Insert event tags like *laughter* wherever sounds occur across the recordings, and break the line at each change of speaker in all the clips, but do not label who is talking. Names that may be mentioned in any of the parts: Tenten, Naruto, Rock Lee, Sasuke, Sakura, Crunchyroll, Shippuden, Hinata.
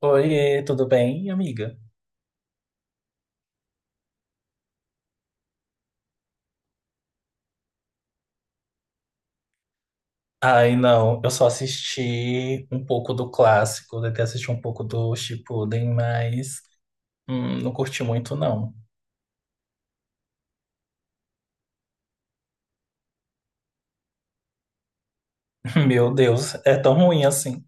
Oi, tudo bem, amiga? Ai, não, eu só assisti um pouco do clássico, até assisti um pouco do Shippuden, mas não curti muito, não. *laughs* Meu Deus, é tão ruim assim.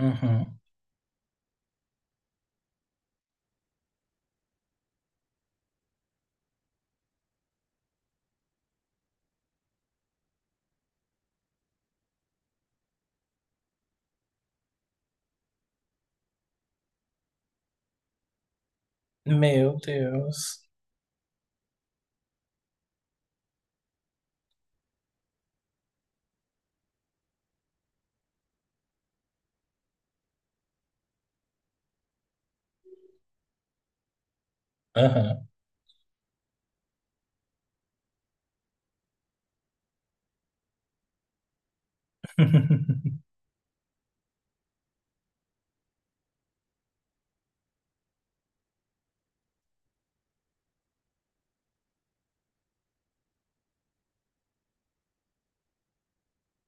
Uhum. Meu Deus. Aham. *laughs*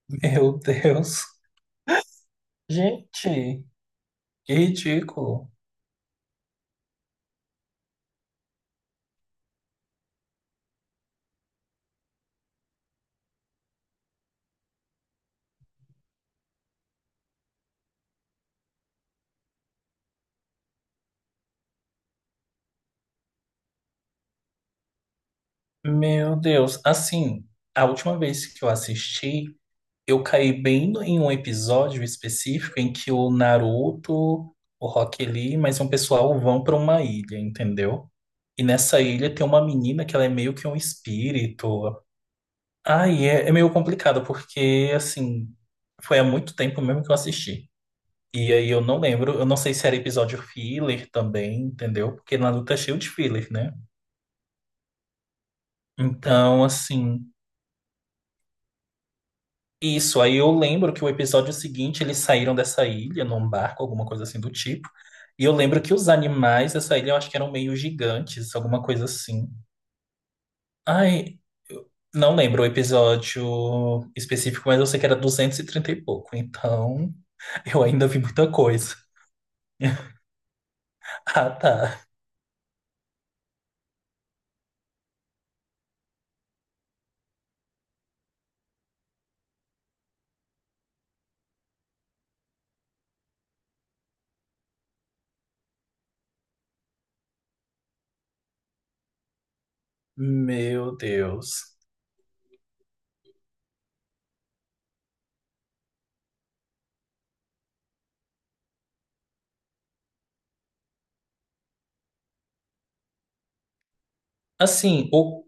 Meu Deus. Gente, que ridículo. Meu Deus. Assim, a última vez que eu assisti. Eu caí bem em um episódio específico em que o Naruto, o Rock Lee, mais um pessoal vão para uma ilha, entendeu? E nessa ilha tem uma menina que ela é meio que um espírito. Ai, é, é meio complicado, porque, assim, foi há muito tempo mesmo que eu assisti. E aí eu não lembro, eu não sei se era episódio filler também, entendeu? Porque Naruto é cheio de filler, né? Então, assim. Isso, aí eu lembro que o episódio seguinte eles saíram dessa ilha num barco, alguma coisa assim do tipo. E eu lembro que os animais dessa ilha eu acho que eram meio gigantes, alguma coisa assim. Ai, eu não lembro o episódio específico, mas eu sei que era 230 e pouco. Então, *laughs* eu ainda vi muita coisa. *laughs* Ah, tá. Meu Deus. Assim, o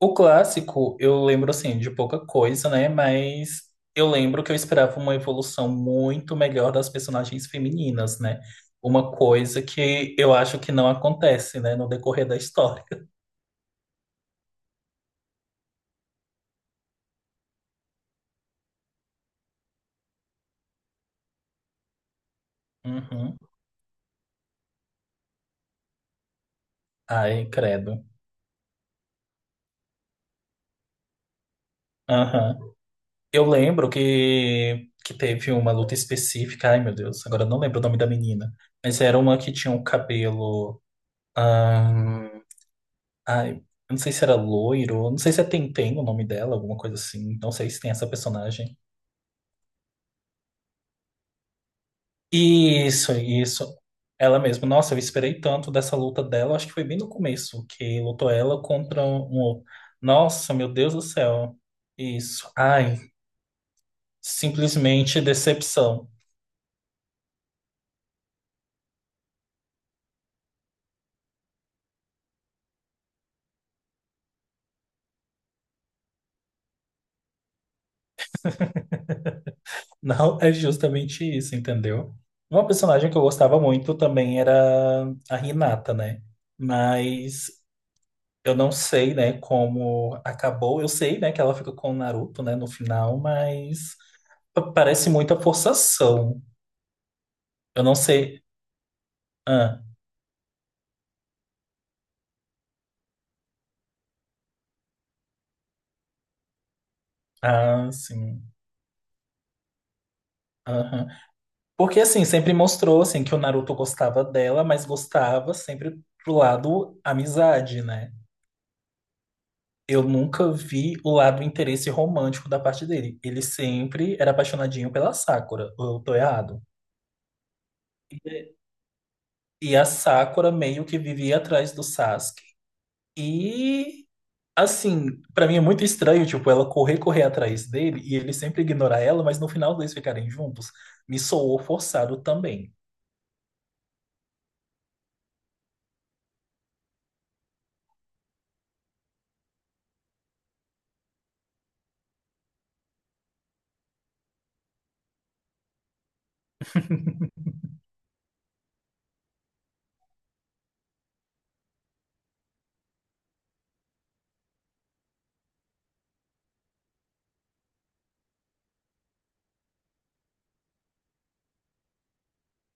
O clássico, eu lembro assim de pouca coisa, né? Mas eu lembro que eu esperava uma evolução muito melhor das personagens femininas, né? Uma coisa que eu acho que não acontece, né, no decorrer da história. Uhum. Ai, credo. Aham. Eu lembro que teve uma luta específica. Ai, meu Deus, agora eu não lembro o nome da menina. Mas era uma que tinha um cabelo. ahn, Ai, eu não sei se era loiro, não sei se é Tenten o nome dela, alguma coisa assim. Não sei se tem essa personagem. Isso, isso. Ela mesma. Nossa, eu esperei tanto dessa luta dela. Acho que foi bem no começo que lutou ela contra um outro. Nossa, meu Deus do céu. Isso. Ai, simplesmente decepção. *laughs* Não é justamente isso, entendeu? Uma personagem que eu gostava muito também era a Hinata, né? Mas eu não sei, né, como acabou. Eu sei, né, que ela fica com o Naruto, né, no final, mas parece muita forçação. Eu não sei. Ah, ah, sim. Aham. Porque, assim, sempre mostrou, assim, que o Naruto gostava dela, mas gostava sempre do lado amizade, né? Eu nunca vi o lado interesse romântico da parte dele. Ele sempre era apaixonadinho pela Sakura. Ou eu tô errado. E a Sakura meio que vivia atrás do Sasuke. E assim, pra mim é muito estranho, tipo, ela correr, correr atrás dele e ele sempre ignorar ela, mas no final eles ficarem juntos, me soou forçado também.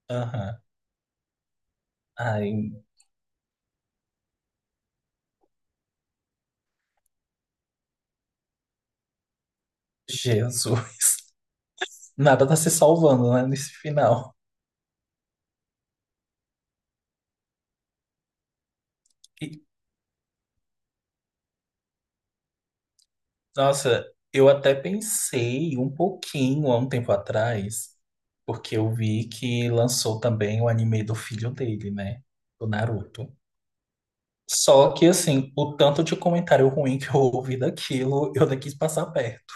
Aham. Ai, Jesus. *laughs* Nada tá se salvando, né, nesse final. E, nossa, eu até pensei um pouquinho há um tempo atrás, porque eu vi que lançou também o anime do filho dele, né, do Naruto. Só que, assim, o tanto de comentário ruim que eu ouvi daquilo, eu nem quis passar perto.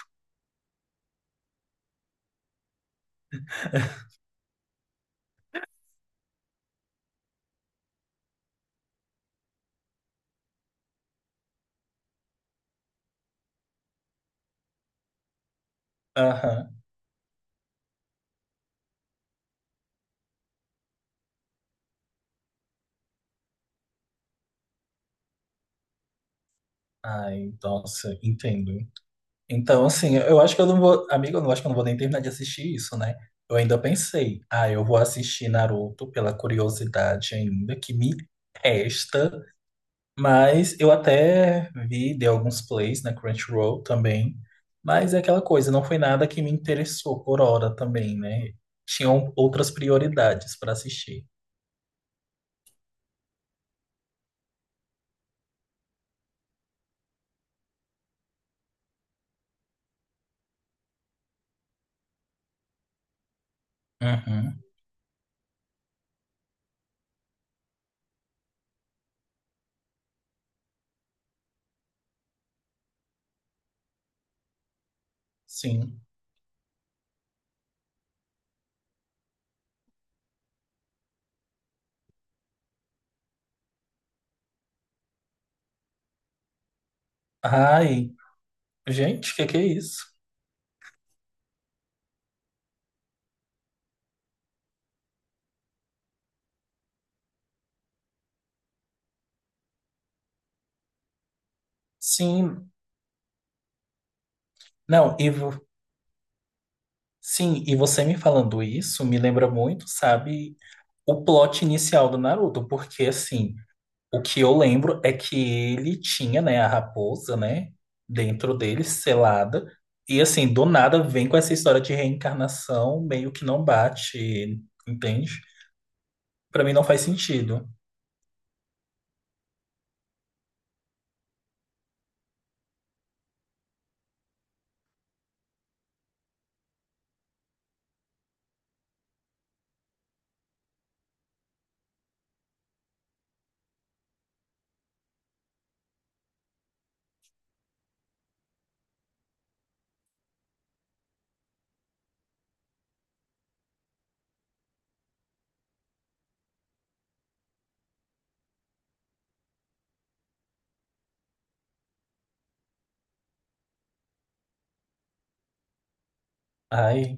Aham. Ai, nossa, entendo. Então, assim, eu acho que eu não vou. Amigo, eu não acho que eu não vou nem terminar de assistir isso, né? Eu ainda pensei, ah, eu vou assistir Naruto pela curiosidade ainda, que me resta. Mas eu até vi, de alguns plays na Crunchyroll também. Mas é aquela coisa, não foi nada que me interessou por hora também, né? Tinham outras prioridades para assistir. Uhum, sim. Ai, gente, o que que é isso? Sim, não, e você me falando isso me lembra muito, sabe, o plot inicial do Naruto, porque assim, o que eu lembro é que ele tinha, né, a raposa, né, dentro dele, selada, e assim, do nada vem com essa história de reencarnação, meio que não bate, entende? Pra mim não faz sentido. Ai,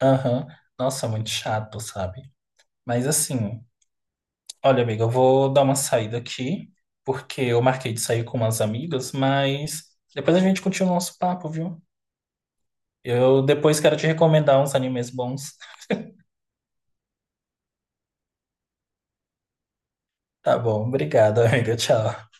aham, nossa, muito chato, sabe? Mas assim. Olha, amiga, eu vou dar uma saída aqui, porque eu marquei de sair com umas amigas, mas depois a gente continua o nosso papo, viu? Eu depois quero te recomendar uns animes bons. Tá bom, obrigado, *laughs* amiga. Tchau.